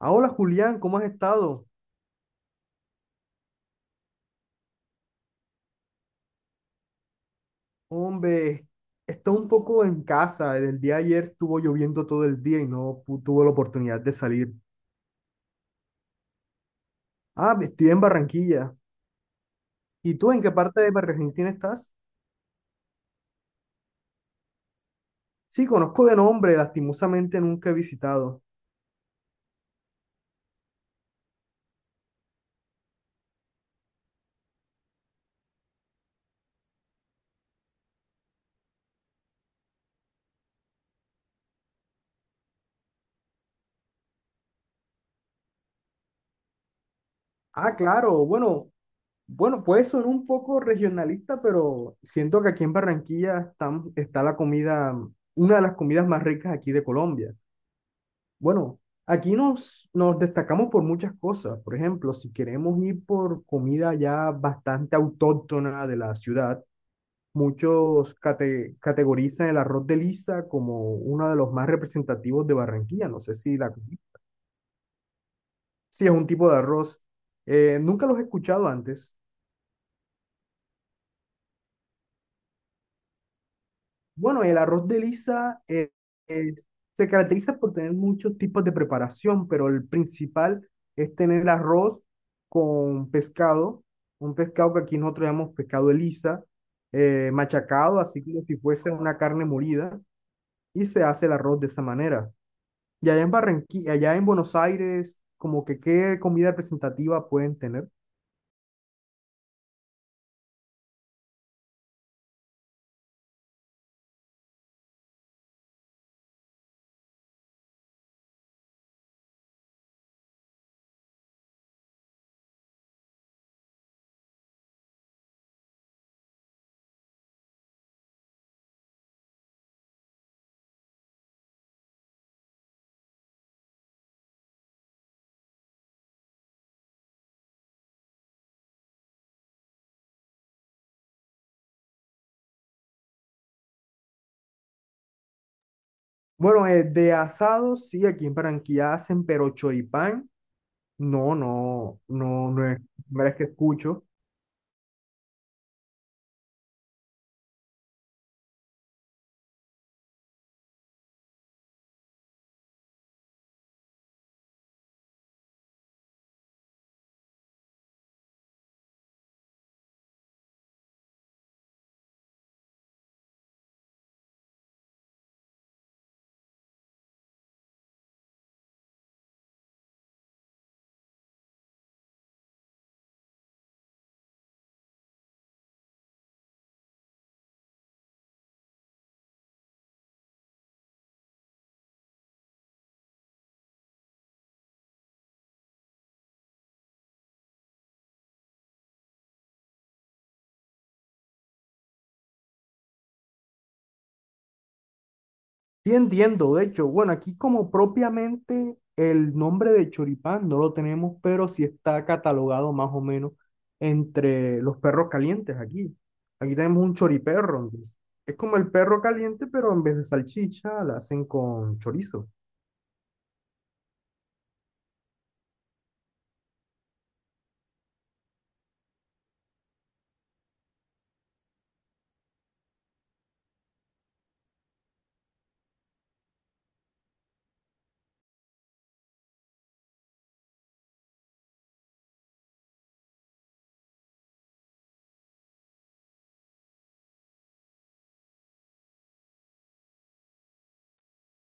Ah, hola Julián, ¿cómo has estado? Hombre, estoy un poco en casa. El día de ayer estuvo lloviendo todo el día y no pu- tuve la oportunidad de salir. Ah, estoy en Barranquilla. ¿Y tú en qué parte de Argentina estás? Sí, conozco de nombre, lastimosamente nunca he visitado. Ah, claro, bueno, bueno, puede sonar un poco regionalista, pero siento que aquí en Barranquilla está la comida, una de las comidas más ricas aquí de Colombia. Bueno, aquí nos destacamos por muchas cosas. Por ejemplo, si queremos ir por comida ya bastante autóctona de la ciudad, muchos categorizan el arroz de lisa como uno de los más representativos de Barranquilla. No sé si, la, si es un tipo de arroz. Nunca los he escuchado antes. Bueno, el arroz de lisa, es- se caracteriza por tener muchos tipos de preparación, pero el principal es tener el arroz con pescado, un pescado que aquí nosotros llamamos pescado de lisa, machacado, así como si fuese una carne molida, y se hace el arroz de esa manera. Y allá en Barranquilla, allá en Buenos Aires, como que qué comida representativa pueden tener. Bueno, de asados, sí, aquí en Barranquilla hacen, pero choripán. No, no, no, no es la primera vez que escucho. Sí, entiendo, de hecho, bueno, aquí como propiamente el nombre de choripán no lo tenemos, pero sí está catalogado más o menos entre los perros calientes aquí. Aquí tenemos un choriperro, entonces, es como el perro caliente, pero en vez de salchicha la hacen con chorizo.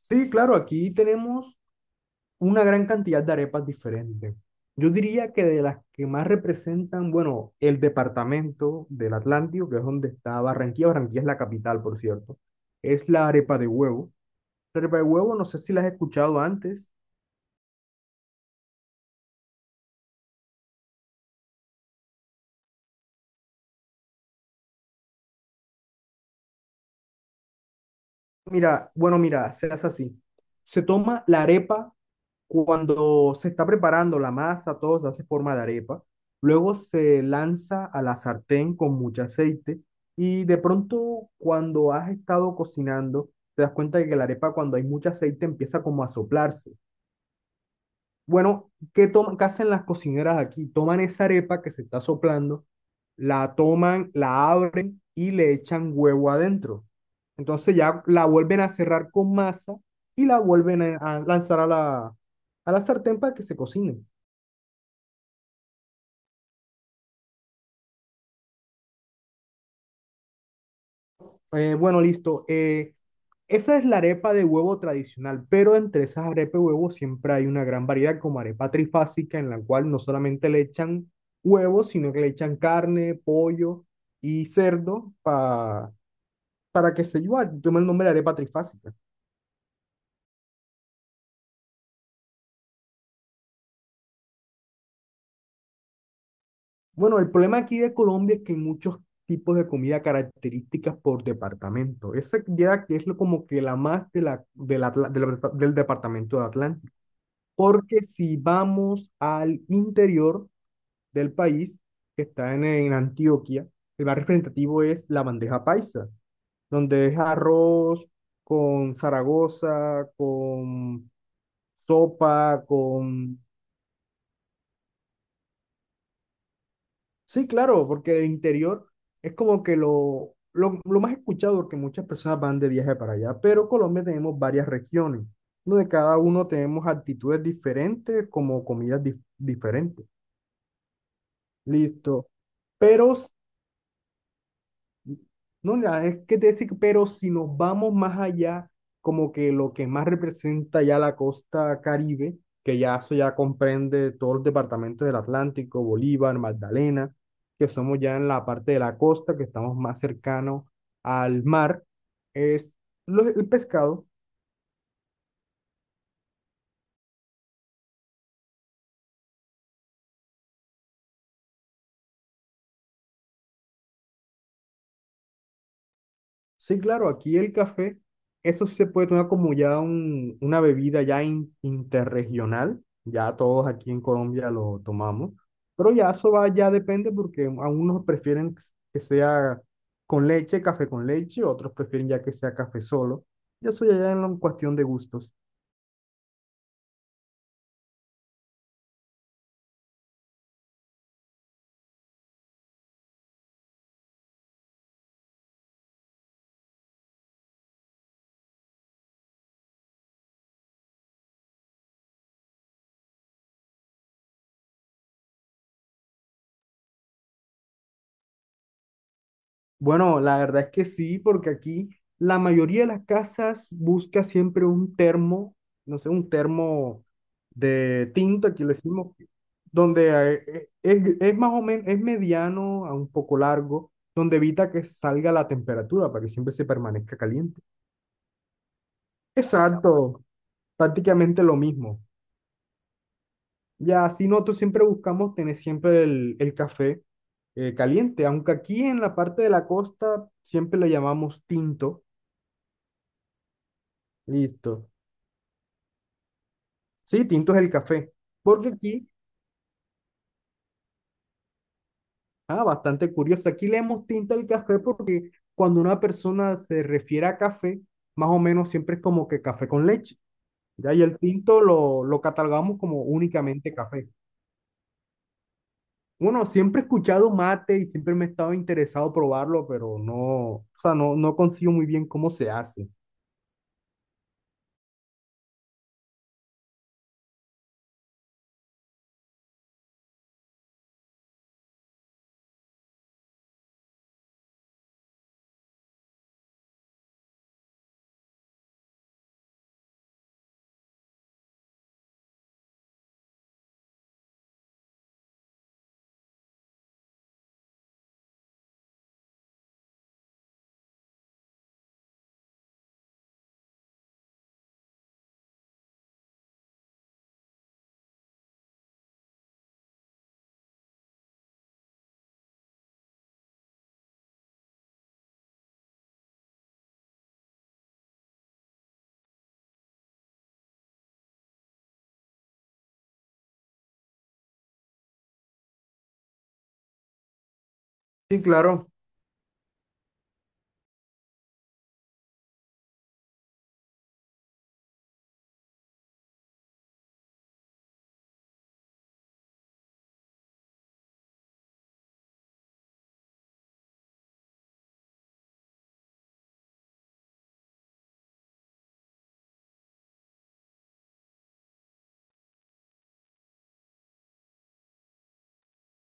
Sí, claro, aquí tenemos una gran cantidad de arepas diferentes. Yo diría que de las que más representan, bueno, el departamento del Atlántico, que es donde está Barranquilla, Barranquilla es la capital, por cierto, es la arepa de huevo. La arepa de huevo, no sé si la has escuchado antes. Mira, bueno, mira, se hace así. Se toma la arepa. Cuando se está preparando la masa, todo se hace forma de arepa. Luego se lanza a la sartén con mucho aceite y de pronto cuando has estado cocinando, te das cuenta de que la arepa cuando hay mucho aceite empieza como a soplarse. Bueno, ¿qué, toman, qué hacen las cocineras aquí? Toman esa arepa que se está soplando, la toman, la abren y le echan huevo adentro. Entonces ya la vuelven a cerrar con masa y la vuelven a lanzar a a la sartén para que se cocine. Bueno, listo. Esa es la arepa de huevo tradicional, pero entre esas arepas de huevo siempre hay una gran variedad, como arepa trifásica, en la cual no solamente le echan huevo, sino que le echan carne, pollo y para que se lleve, toma el nombre de arepa trifásica. Bueno, el problema aquí de Colombia es que hay muchos tipos de comida características por departamento. Esa ya que como que la más del departamento de Atlántico. Porque si vamos al interior del país, que está en Antioquia, el más representativo es la bandeja paisa, donde es arroz con Zaragoza, con sopa, con... Sí, claro, porque el interior es como que lo más escuchado, porque muchas personas van de viaje para allá, pero Colombia tenemos varias regiones, donde cada uno tenemos actitudes diferentes, como comidas diferentes. Listo. Pero no, nada, es que te decir, pero si nos vamos más allá, como que lo que más representa ya la costa Caribe, que ya eso ya comprende todos los departamentos del Atlántico, Bolívar, Magdalena, que somos ya en la parte de la costa, que estamos más cercanos al mar, es el pescado. Sí, claro, aquí el café, eso sí se puede tomar como ya una bebida ya interregional, ya todos aquí en Colombia lo tomamos, pero ya eso va, ya depende porque a unos prefieren que sea con leche, café con leche, otros prefieren ya que sea café solo, y eso ya es en cuestión de gustos. Bueno, la verdad es que sí, porque aquí la mayoría de las casas busca siempre un termo, no sé, un termo de tinto, aquí lo decimos, donde es más o menos, es mediano a un poco largo, donde evita que salga la temperatura para que siempre se permanezca caliente. Exacto, prácticamente lo mismo. Ya así nosotros siempre buscamos tener siempre el café caliente, aunque aquí en la parte de la costa siempre le llamamos tinto. Listo. Sí, tinto es el café. Porque aquí, ah, bastante curioso, aquí le hemos tinto al café porque cuando una persona se refiere a café, más o menos siempre es como que café con leche. Ya, y el tinto lo catalogamos como únicamente café. Bueno, siempre he escuchado mate y siempre me he estado interesado probarlo, pero no, o sea, no consigo muy bien cómo se hace. Sí, claro,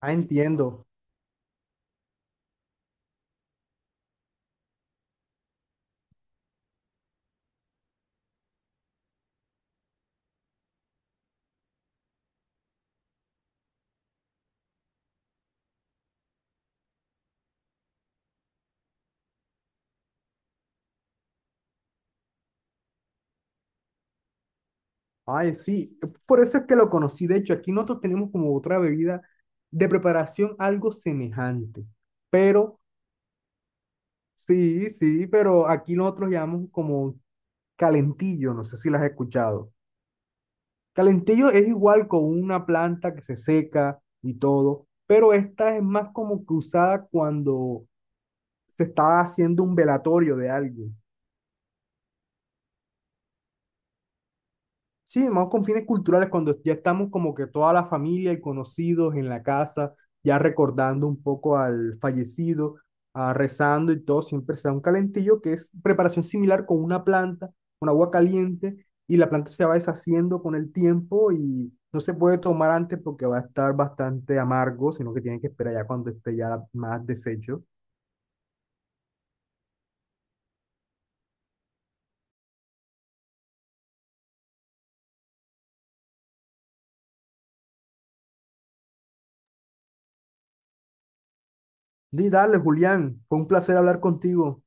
ah, entiendo. Ay, sí, por eso es que lo conocí. De hecho, aquí nosotros tenemos como otra bebida de preparación algo semejante. Pero, sí, sí, pero aquí nosotros llamamos como calentillo, no sé si las has escuchado. Calentillo es igual con una planta que se seca y todo, pero esta es más como que usada cuando se está haciendo un velatorio de algo. Sí, más con fines culturales, cuando ya estamos como que toda la familia y conocidos en la casa, ya recordando un poco al fallecido, ah, rezando y todo, siempre se da un calentillo que es preparación similar con una planta, con agua caliente, y la planta se va deshaciendo con el tiempo y no se puede tomar antes porque va a estar bastante amargo, sino que tienen que esperar ya cuando esté ya más deshecho. Y dale, Julián, fue un placer hablar contigo.